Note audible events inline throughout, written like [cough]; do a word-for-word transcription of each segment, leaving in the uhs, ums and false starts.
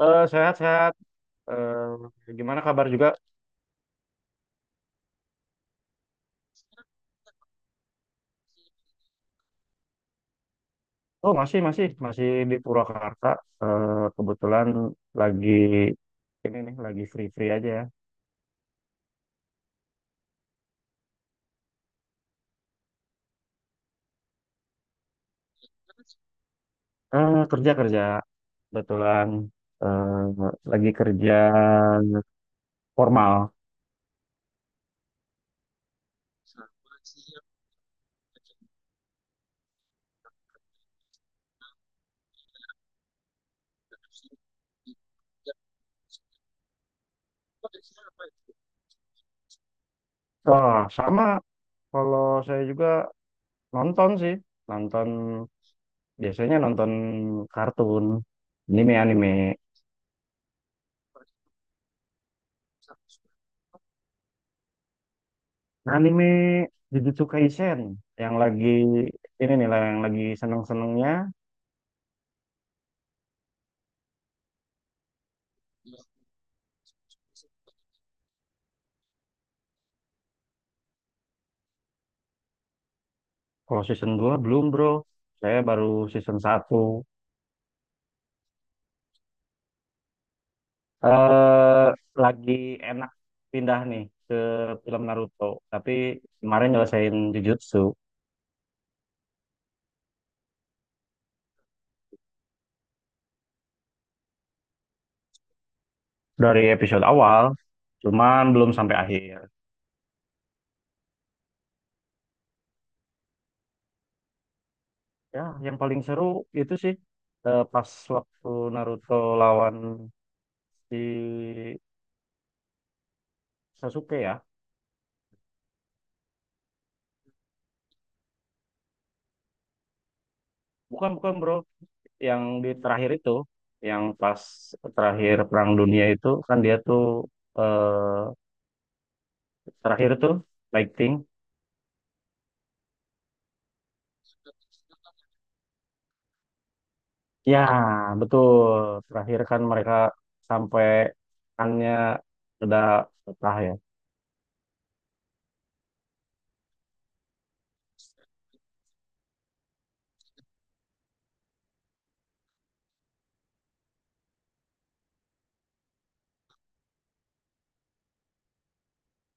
Eh, sehat-sehat. Eh, gimana kabar juga? Oh, masih, masih, masih di Purwakarta. Eh, kebetulan lagi ini nih, lagi free-free aja ya. Eh, kerja kerja, kebetulan eh, lagi kerja formal. Wah, sama. Kalau saya juga nonton sih, nonton biasanya nonton kartun, anime anime. Anime Jujutsu Kaisen yang lagi ini nih lah yang lagi seneng-senengnya. Kalau season dua belum bro, saya baru season satu. Eh lagi enak pindah nih ke film Naruto, tapi kemarin nyelesain Jujutsu dari episode awal, cuman belum sampai akhir. Ya, yang paling seru itu sih eh, pas waktu Naruto lawan si Sasuke ya. Bukan bukan bro, yang di terakhir itu, yang pas terakhir Perang Dunia itu kan dia tuh eh, terakhir tuh lighting. Ya, betul. Terakhir kan mereka sampai kannya udah pecah ya.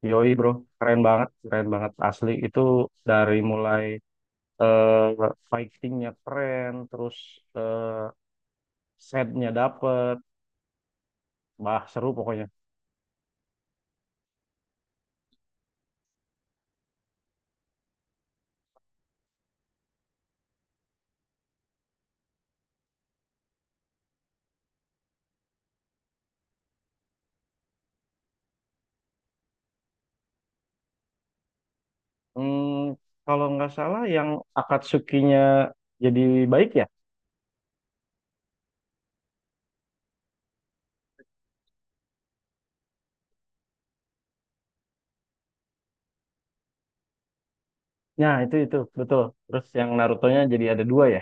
Yoi bro, keren banget, keren banget asli. Itu dari mulai eh, fightingnya keren, terus eh, setnya dapet, bah seru pokoknya. Hmm, kalau nggak salah yang Akatsuki-nya jadi baik ya? Ya, itu itu betul. Terus yang Naruto-nya jadi ada dua ya.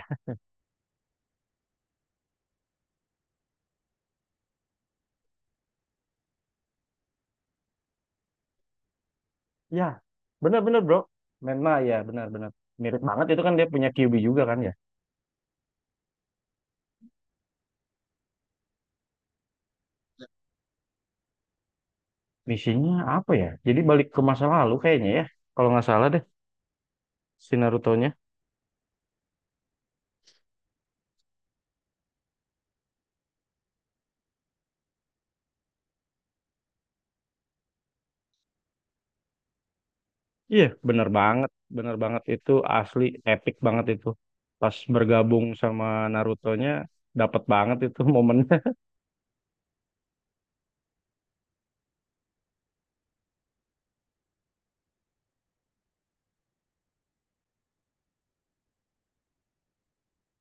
Ya, benar-benar bro. Menma ya, benar-benar. Mirip banget itu kan dia punya Kyuubi juga kan ya. Misinya apa ya? Jadi balik ke masa lalu kayaknya ya. Kalau nggak salah deh si Naruto-nya. Iya, benar banget. Benar banget itu asli epic banget itu. Pas bergabung sama Naruto-nya dapat banget itu [laughs] momennya.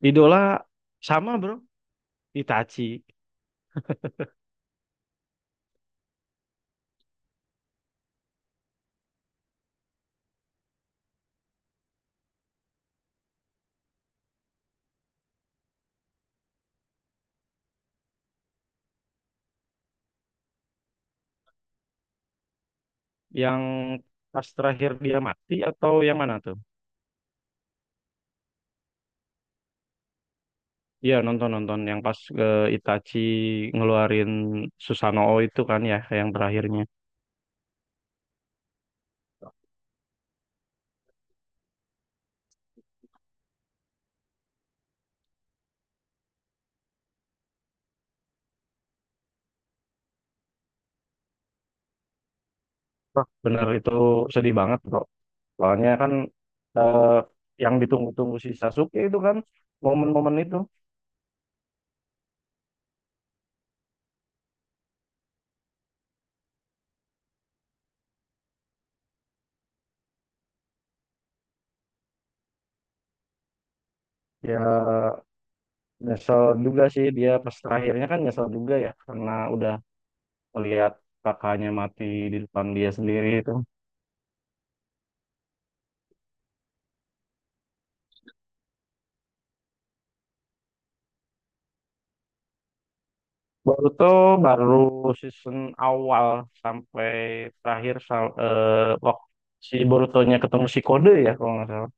Idola sama bro, Itachi yang pas terakhir dia mati atau yang mana tuh? Iya nonton nonton yang pas eh, Itachi ngeluarin Susanoo itu kan ya yang terakhirnya. Wah, bener itu sedih banget bro. Soalnya kan eh, yang ditunggu-tunggu si Sasuke itu kan momen-momen itu ya nyesel juga sih dia pas terakhirnya kan nyesel juga ya karena udah melihat kakaknya mati di depan dia sendiri itu. Baru tuh baru season awal sampai terakhir sal- eh, waktu si Borutonya ketemu si Kode ya kalau nggak salah.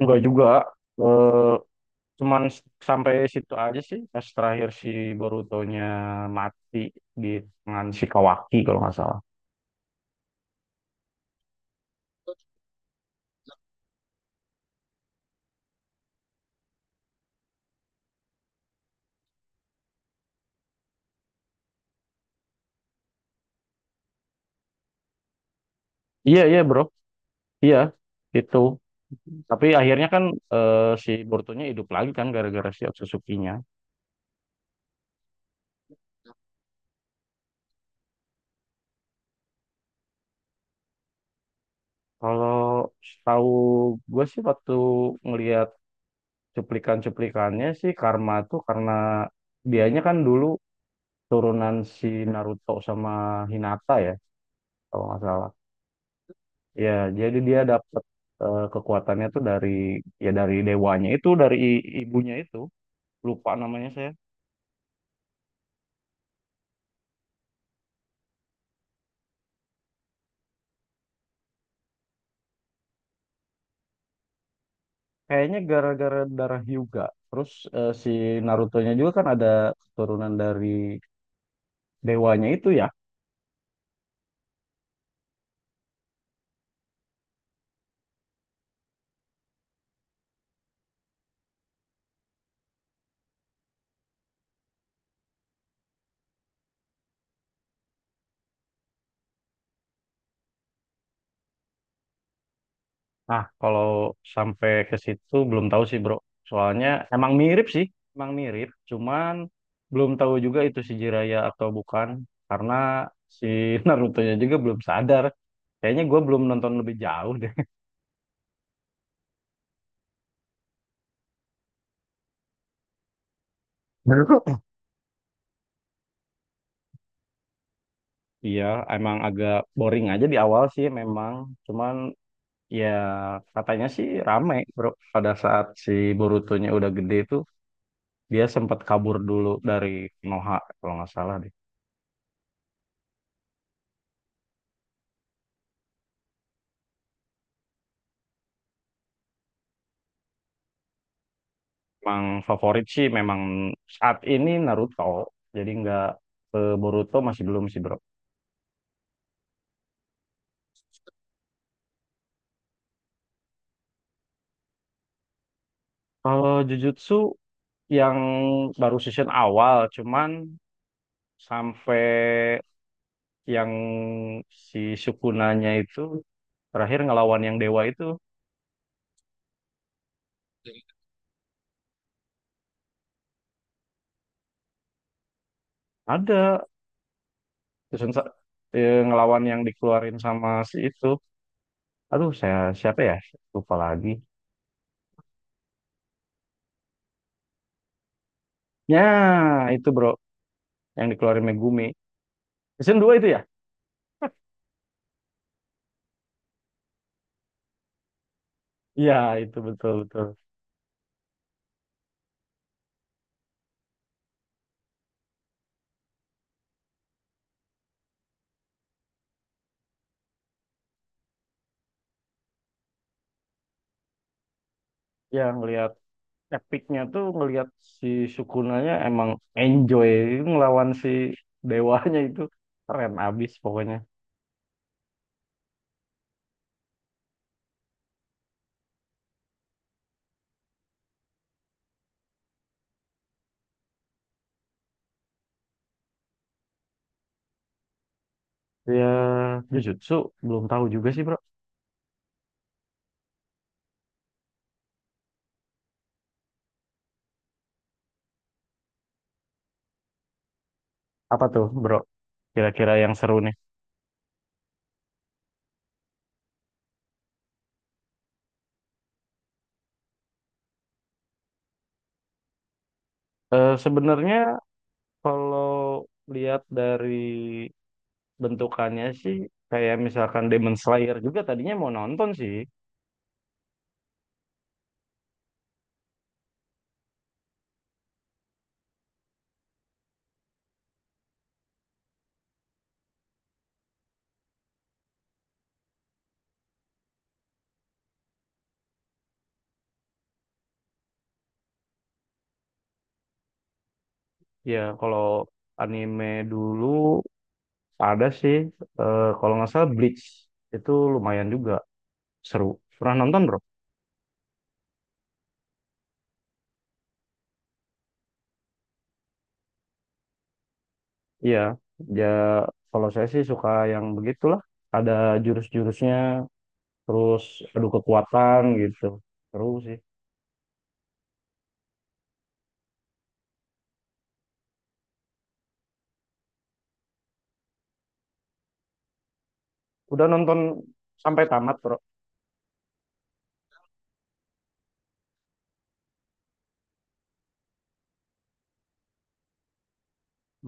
Enggak juga. Eh, cuman s- sampai situ aja sih pas terakhir si Borutonya mati di tangan si Kawaki kalau nggak salah. Iya iya bro. Iya itu. Tapi akhirnya kan eh, si Borutonya hidup lagi kan gara-gara si Otsutsuki-nya. Kalau tahu gue sih waktu ngelihat cuplikan-cuplikannya sih Karma tuh karena dianya kan dulu turunan si Naruto sama Hinata ya kalau nggak salah ya jadi dia dapet eh, kekuatannya tuh dari ya dari dewanya itu dari i- ibunya itu lupa namanya saya kayaknya gara-gara darah Hyuga terus eh, si Narutonya juga kan ada keturunan dari dewanya itu ya. Nah, kalau sampai ke situ belum tahu sih, Bro. Soalnya emang mirip sih, emang mirip, cuman belum tahu juga itu si Jiraiya atau bukan karena si [laughs] Naruto-nya juga belum sadar. Kayaknya gue belum nonton lebih jauh deh. [laughs] Iya, emang agak boring aja di awal sih memang. Cuman ya katanya sih rame, Bro. Pada saat si Boruto-nya udah gede tuh, dia sempat kabur dulu dari Konoha kalau nggak salah deh. Emang favorit sih memang saat ini Naruto. Jadi nggak ke Boruto masih belum sih bro. Kalau Jujutsu yang baru season awal cuman sampai yang si Sukunanya itu terakhir ngelawan yang dewa itu ada season sa- eh, ngelawan yang dikeluarin sama si itu. Aduh saya siapa ya? Lupa lagi. Ya itu bro yang dikeluarin Megumi. Season dua itu ya? Iya itu betul betul. Ya ngelihat epicnya tuh ngelihat si Sukunanya emang enjoy ngelawan si dewanya itu keren abis pokoknya. Ya Jujutsu belum tahu juga sih bro. Apa tuh bro? Kira-kira yang seru nih. Eh Sebenarnya kalau lihat dari bentukannya sih kayak misalkan Demon Slayer juga tadinya mau nonton sih. Ya kalau anime dulu ada sih. Eh, kalau nggak salah Bleach itu lumayan juga seru. Pernah nonton bro? Iya, ya kalau saya sih suka yang begitulah. Ada jurus-jurusnya, terus adu kekuatan gitu. Terus sih. Udah nonton sampai tamat, Bro.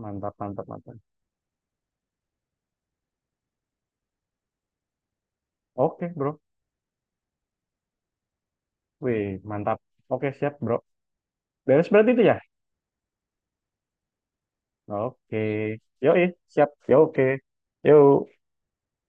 Mantap, mantap, mantap. Oke, Bro. Wih, mantap. Oke, siap, Bro. Beres berarti itu ya? Oke. Yoi, siap. Yo oke. Yuk.